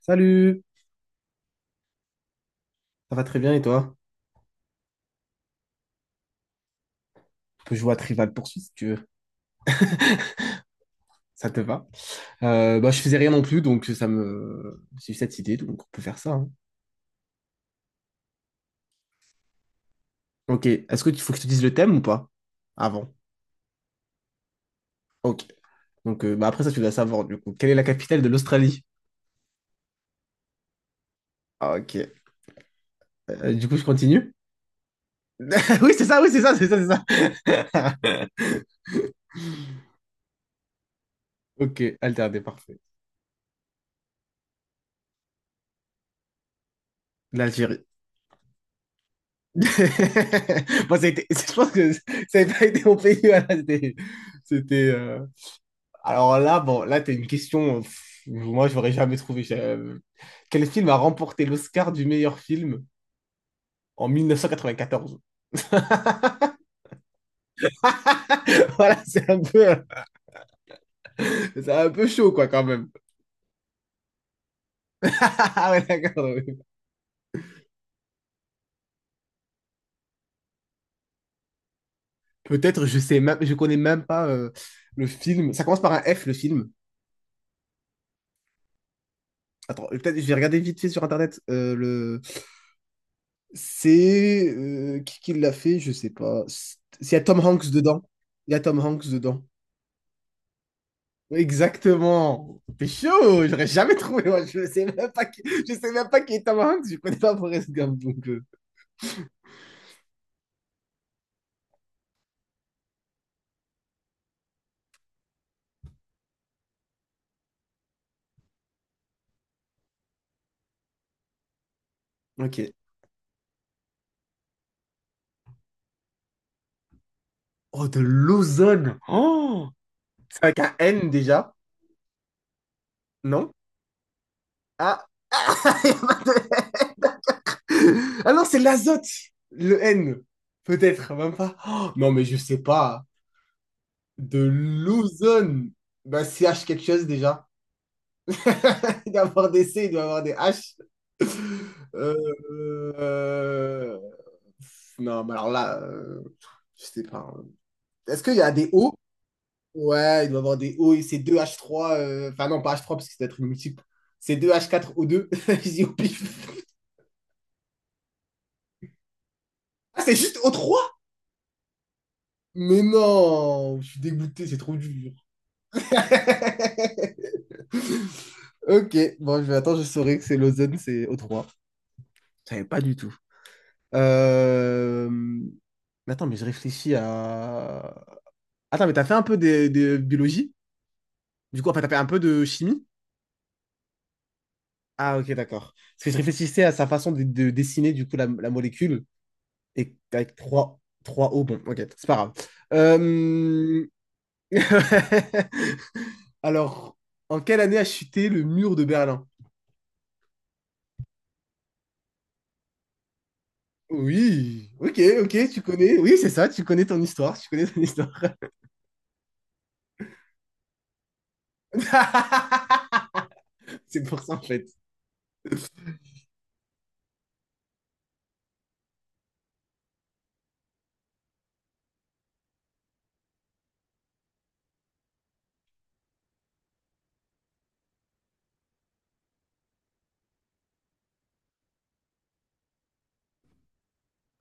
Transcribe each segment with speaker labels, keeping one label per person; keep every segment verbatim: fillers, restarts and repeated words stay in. Speaker 1: Salut, ça va très bien et toi? On peut jouer à Trivial Poursuit si tu veux, ça te va. Euh, bah, je faisais rien non plus, donc ça me... J'ai eu cette idée, donc on peut faire ça, hein. Ok, est-ce que tu faut que je te dise le thème ou pas? Avant. Ok, donc euh, bah, après ça tu dois savoir du coup. Quelle est la capitale de l'Australie? Ah, ok, Euh, du coup je continue? Oui, c'est ça, oui, c'est ça, c'est ça, c'est ça. Ok, alterné, parfait. L'Algérie. Bon, ça a été- je pense que ça n'avait pas été mon pays, voilà. c'était... c'était, euh, Alors là, bon, là, t'as une question. Pff, moi, je n'aurais jamais trouvé. J'ai- euh, Quel film a remporté l'Oscar du meilleur film en mille neuf cent quatre-vingt-quatorze? Voilà, c'est un peu, c'est un peu chaud, quoi, quand même. Ah ouais, d'accord, oui. Peut-être, je sais même, je connais même pas euh, le film. Ça commence par un F, le film. Attends, peut-être, je vais regarder vite fait sur Internet. Euh, le... C'est euh, qui qui l'a fait? Je sais pas. C'est- Il y a Tom Hanks dedans. Il y a Tom Hanks dedans. Exactement. T'es chaud, j'aurais jamais trouvé. Moi. Je sais même pas qui, je sais même pas qui est Tom Hanks, je connais pas Forrest Gump. Donc, euh, ok. Oh, de l'ozone. Oh, c'est avec un N déjà, non? Ah, il y a pas de- ah non, c'est l'azote, le N. Peut-être, même pas. Oh, non, mais je sais pas. De l'ozone. Bah, C H quelque chose déjà. Il doit avoir des C, il doit avoir des H. Euh, euh, Non, mais alors là, euh, je sais pas, hein. Est-ce qu'il y a des O? Ouais, il doit avoir des O et c'est deux h trois. euh, Enfin, non, pas h trois, parce que c'est être une multiple. C'est deux h quatre o deux. Je dis au pif. Ah, c'est juste o trois. Mais non, je suis dégoûté, c'est trop dur. Ok, bon, je vais attendre, je saurai que c'est l'ozone, c'est o trois. Je savais pas du tout. Euh, mais attends, mais je réfléchis à... Attends, mais t'as fait un peu de, de biologie? Du coup, enfin, t'as fait un peu de chimie? Ah, ok, d'accord. Parce que je réfléchissais à sa façon de, de dessiner, du coup, la, la molécule. Et avec trois, trois O, bon, ok, c'est pas grave. Euh, Alors, en quelle année a chuté le mur de Berlin? Oui, ok, ok, tu connais. Oui, c'est ça, tu connais ton histoire, tu connais ton histoire. C'est pour ça, en fait.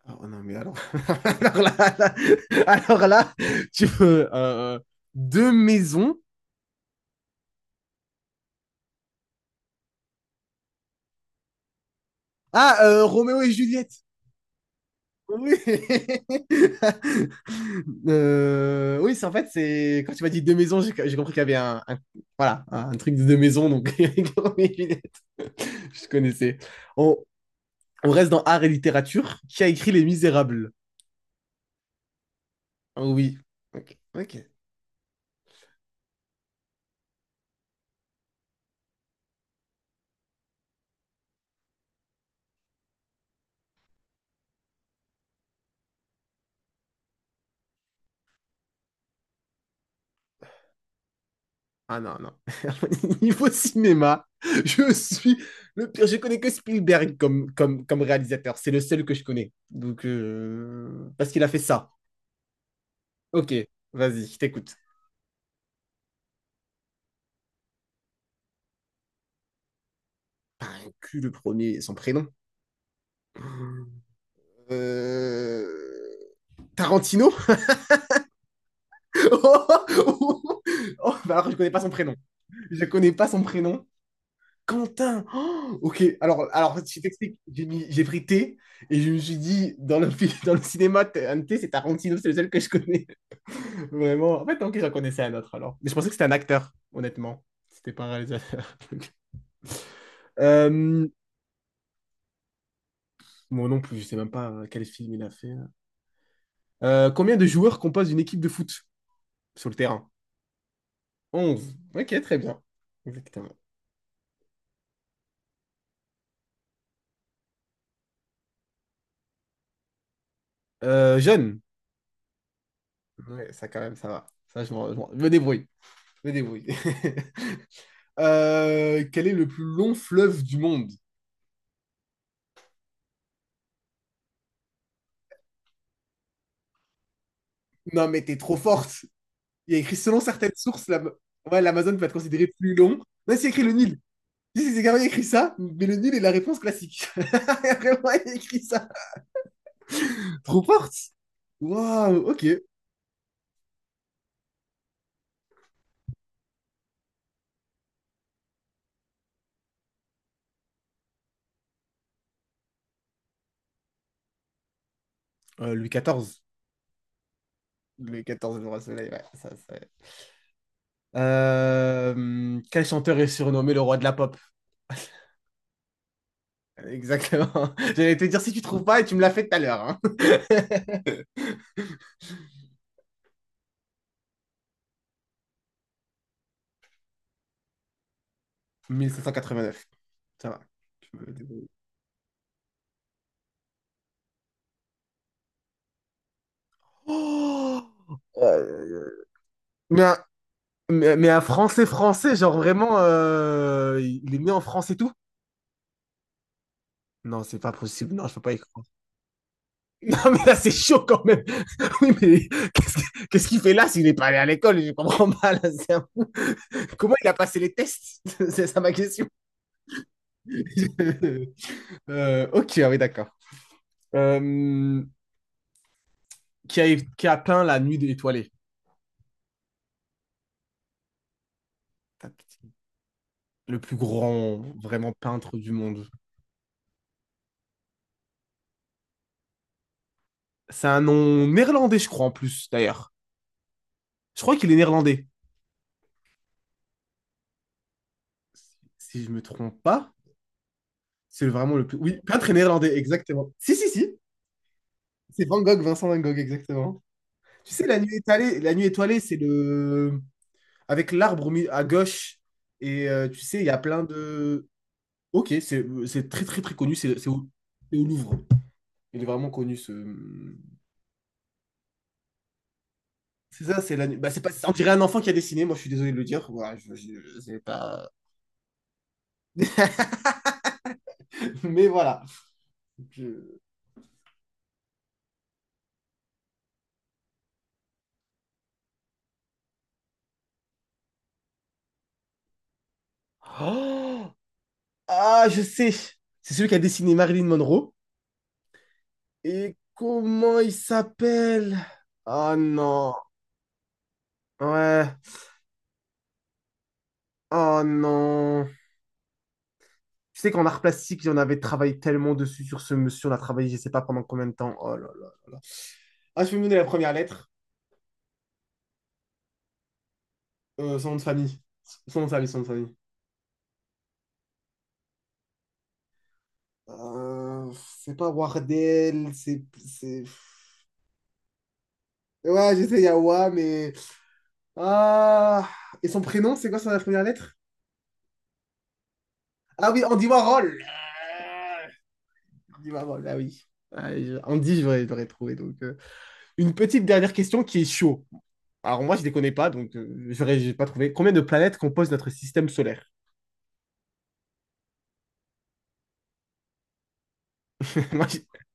Speaker 1: Ah, oh non, mais alors, alors là, là- alors là, tu veux euh, euh, deux maisons. Ah, euh, Roméo et Juliette. Oui. Euh, oui, c'est en fait, c'est quand tu m'as dit deux maisons, j'ai j'ai compris qu'il y avait un, un- voilà, un truc de deux maisons, donc Roméo et Juliette, je connaissais. On, on reste dans art et littérature. Qui a écrit Les Misérables? Oh oui. Ok. Ok. Ah non, non. Niveau cinéma, je suis le pire. Je connais que Spielberg comme, comme, comme réalisateur. C'est le seul que je connais. Donc, euh, parce qu'il a fait ça. Ok, vas-y, je t'écoute. Pas un cul le premier, son prénom. Euh, Tarantino? Oh, oh, oh, bah alors, je connais pas son prénom. Je connais pas son prénom. Quentin. Oh, ok, alors, alors je t'explique. J'ai mis- j'ai pris T et je me suis dit, dans le, fi- dans le cinéma, t- un T, c'est Tarantino, c'est le seul que je connais. Vraiment. En fait, ok, j'en connaissais un autre alors. Mais je pensais que c'était un acteur, honnêtement. C'était pas un réalisateur. Euh, Moi non plus, je sais même pas euh, quel film il a fait. Euh, Euh, combien de joueurs composent une équipe de foot sur le terrain? Onze. Ok, très bien. Exactement. Euh, jeune. Ouais, ça quand même, ça va. Ça, je, m'en- je m'en- je me débrouille. Je me débrouille. Euh, quel est le plus long fleuve du monde? Non, mais t'es trop forte. Il y a écrit selon certaines sources, la... ouais, l'Amazon peut être considéré plus long. Là, c'est écrit le Nil. Si, si, c'est carrément écrit ça, mais le nul est la réponse classique. Vraiment, il écrit ça. Trop forte. Waouh, ok. Euh, Louis quatorze. Louis quatorze, le roi soleil, ouais, ça, ça. Euh, quel chanteur est surnommé le roi de la pop? Exactement. J'allais te dire si tu trouves pas et tu me l'as fait tout à l'heure, hein. mille sept cent quatre-vingt-neuf. Ça va. Tu me débrouilles. Oh, Euh, mais, un, mais, mais un français français, genre vraiment, euh, il est né en France et tout? Non, c'est pas possible. Non, je peux pas y croire. Non, mais là, c'est chaud quand même. Oui, mais qu'est-ce que- qu'est-ce qu'il fait là s'il n'est pas allé à l'école? Je comprends pas. Là, c'est un peu... Comment il a passé les tests? C'est ça ma question. Euh, ok, ah oui, d'accord. Euh, qui a, qui a peint La Nuit étoilée? Tac. Le plus grand, vraiment, peintre du monde. C'est un nom néerlandais, je crois, en plus, d'ailleurs. Je crois qu'il est néerlandais. Si je me trompe pas, c'est vraiment le plus... Oui, peintre néerlandais, exactement. Si, si, si. C'est Van Gogh, Vincent Van Gogh, exactement. Tu sais, la nuit étalée, la nuit étoilée, c'est le. Avec l'arbre au mi- à gauche. Et euh, tu sais, il y a plein de. Ok, c'est c'est très très très connu. C'est c'est au, c'est au Louvre. Il est vraiment connu ce. C'est ça, c'est la nuit. Bah, c'est pas... On dirait un enfant qui a dessiné. Moi, je suis désolé de le dire. Voilà, je, je- je sais pas. Mais voilà. Je- Oh ah, je sais. C'est celui qui a dessiné Marilyn Monroe. Et comment il s'appelle? Oh non. Ouais. Oh non. Tu sais qu'en art plastique, j'en avais travaillé tellement dessus sur ce monsieur, on a travaillé, je sais pas pendant combien de temps. Oh là là là là. Ah, je peux me donner la première lettre, Euh, son nom de famille. Son nom de famille, son nom de famille. Euh, c'est pas Wardel, c'est... c'est- Ouais, j'essaie Yawa, mais... Ah... Et son prénom, c'est quoi sa première lettre? Ah oui, Andy Warhol! Ah, Andy Warhol, ah oui. Ah, je- Andy, je l'aurais je l'aurais trouvé. Donc, euh, une petite dernière question qui est chaud. Alors moi, je ne les connais pas, donc euh, j'aurais j'ai pas trouvé. Combien de planètes composent notre système solaire?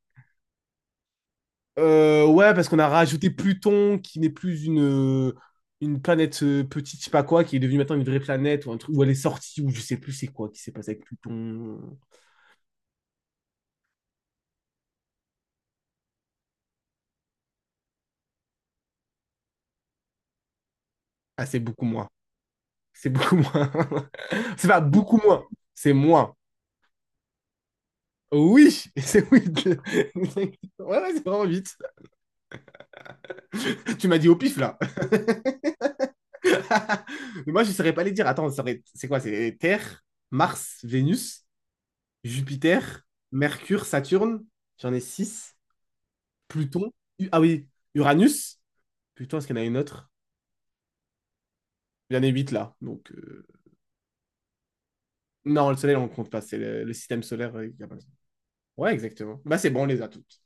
Speaker 1: Euh, ouais, parce qu'on a rajouté Pluton, qui n'est plus une, euh, une planète euh, petite, je sais pas quoi, qui est devenue maintenant une vraie planète, ou un truc où elle est sortie, ou je sais plus c'est quoi qui s'est passé avec Pluton. Ah, c'est beaucoup moins. C'est beaucoup moins. c'est pas beaucoup moins, c'est moins. Oui, c'est oui. Ouais, ouais, c'est vraiment vite. Tu m'as dit au pif là. Mais moi, je saurais pas les dire. Attends, ça aurait- c'est quoi? C'est Terre, Mars, Vénus, Jupiter, Mercure, Saturne. J'en ai six. Pluton. U- Ah oui, Uranus. Pluton, est-ce qu'il y en a une autre? Il y en a huit là. Donc, euh, non, le Soleil, on ne compte pas. C'est le, le système solaire. Euh, il y a pas le Soleil. Ouais, exactement. Bah, c'est bon, on les a toutes.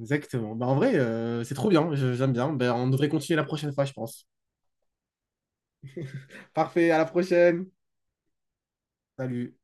Speaker 1: Exactement. Bah, en vrai, euh, c'est trop bien. Je- J'aime bien. Bah, on devrait continuer la prochaine fois, je pense. Parfait, à la prochaine. Salut.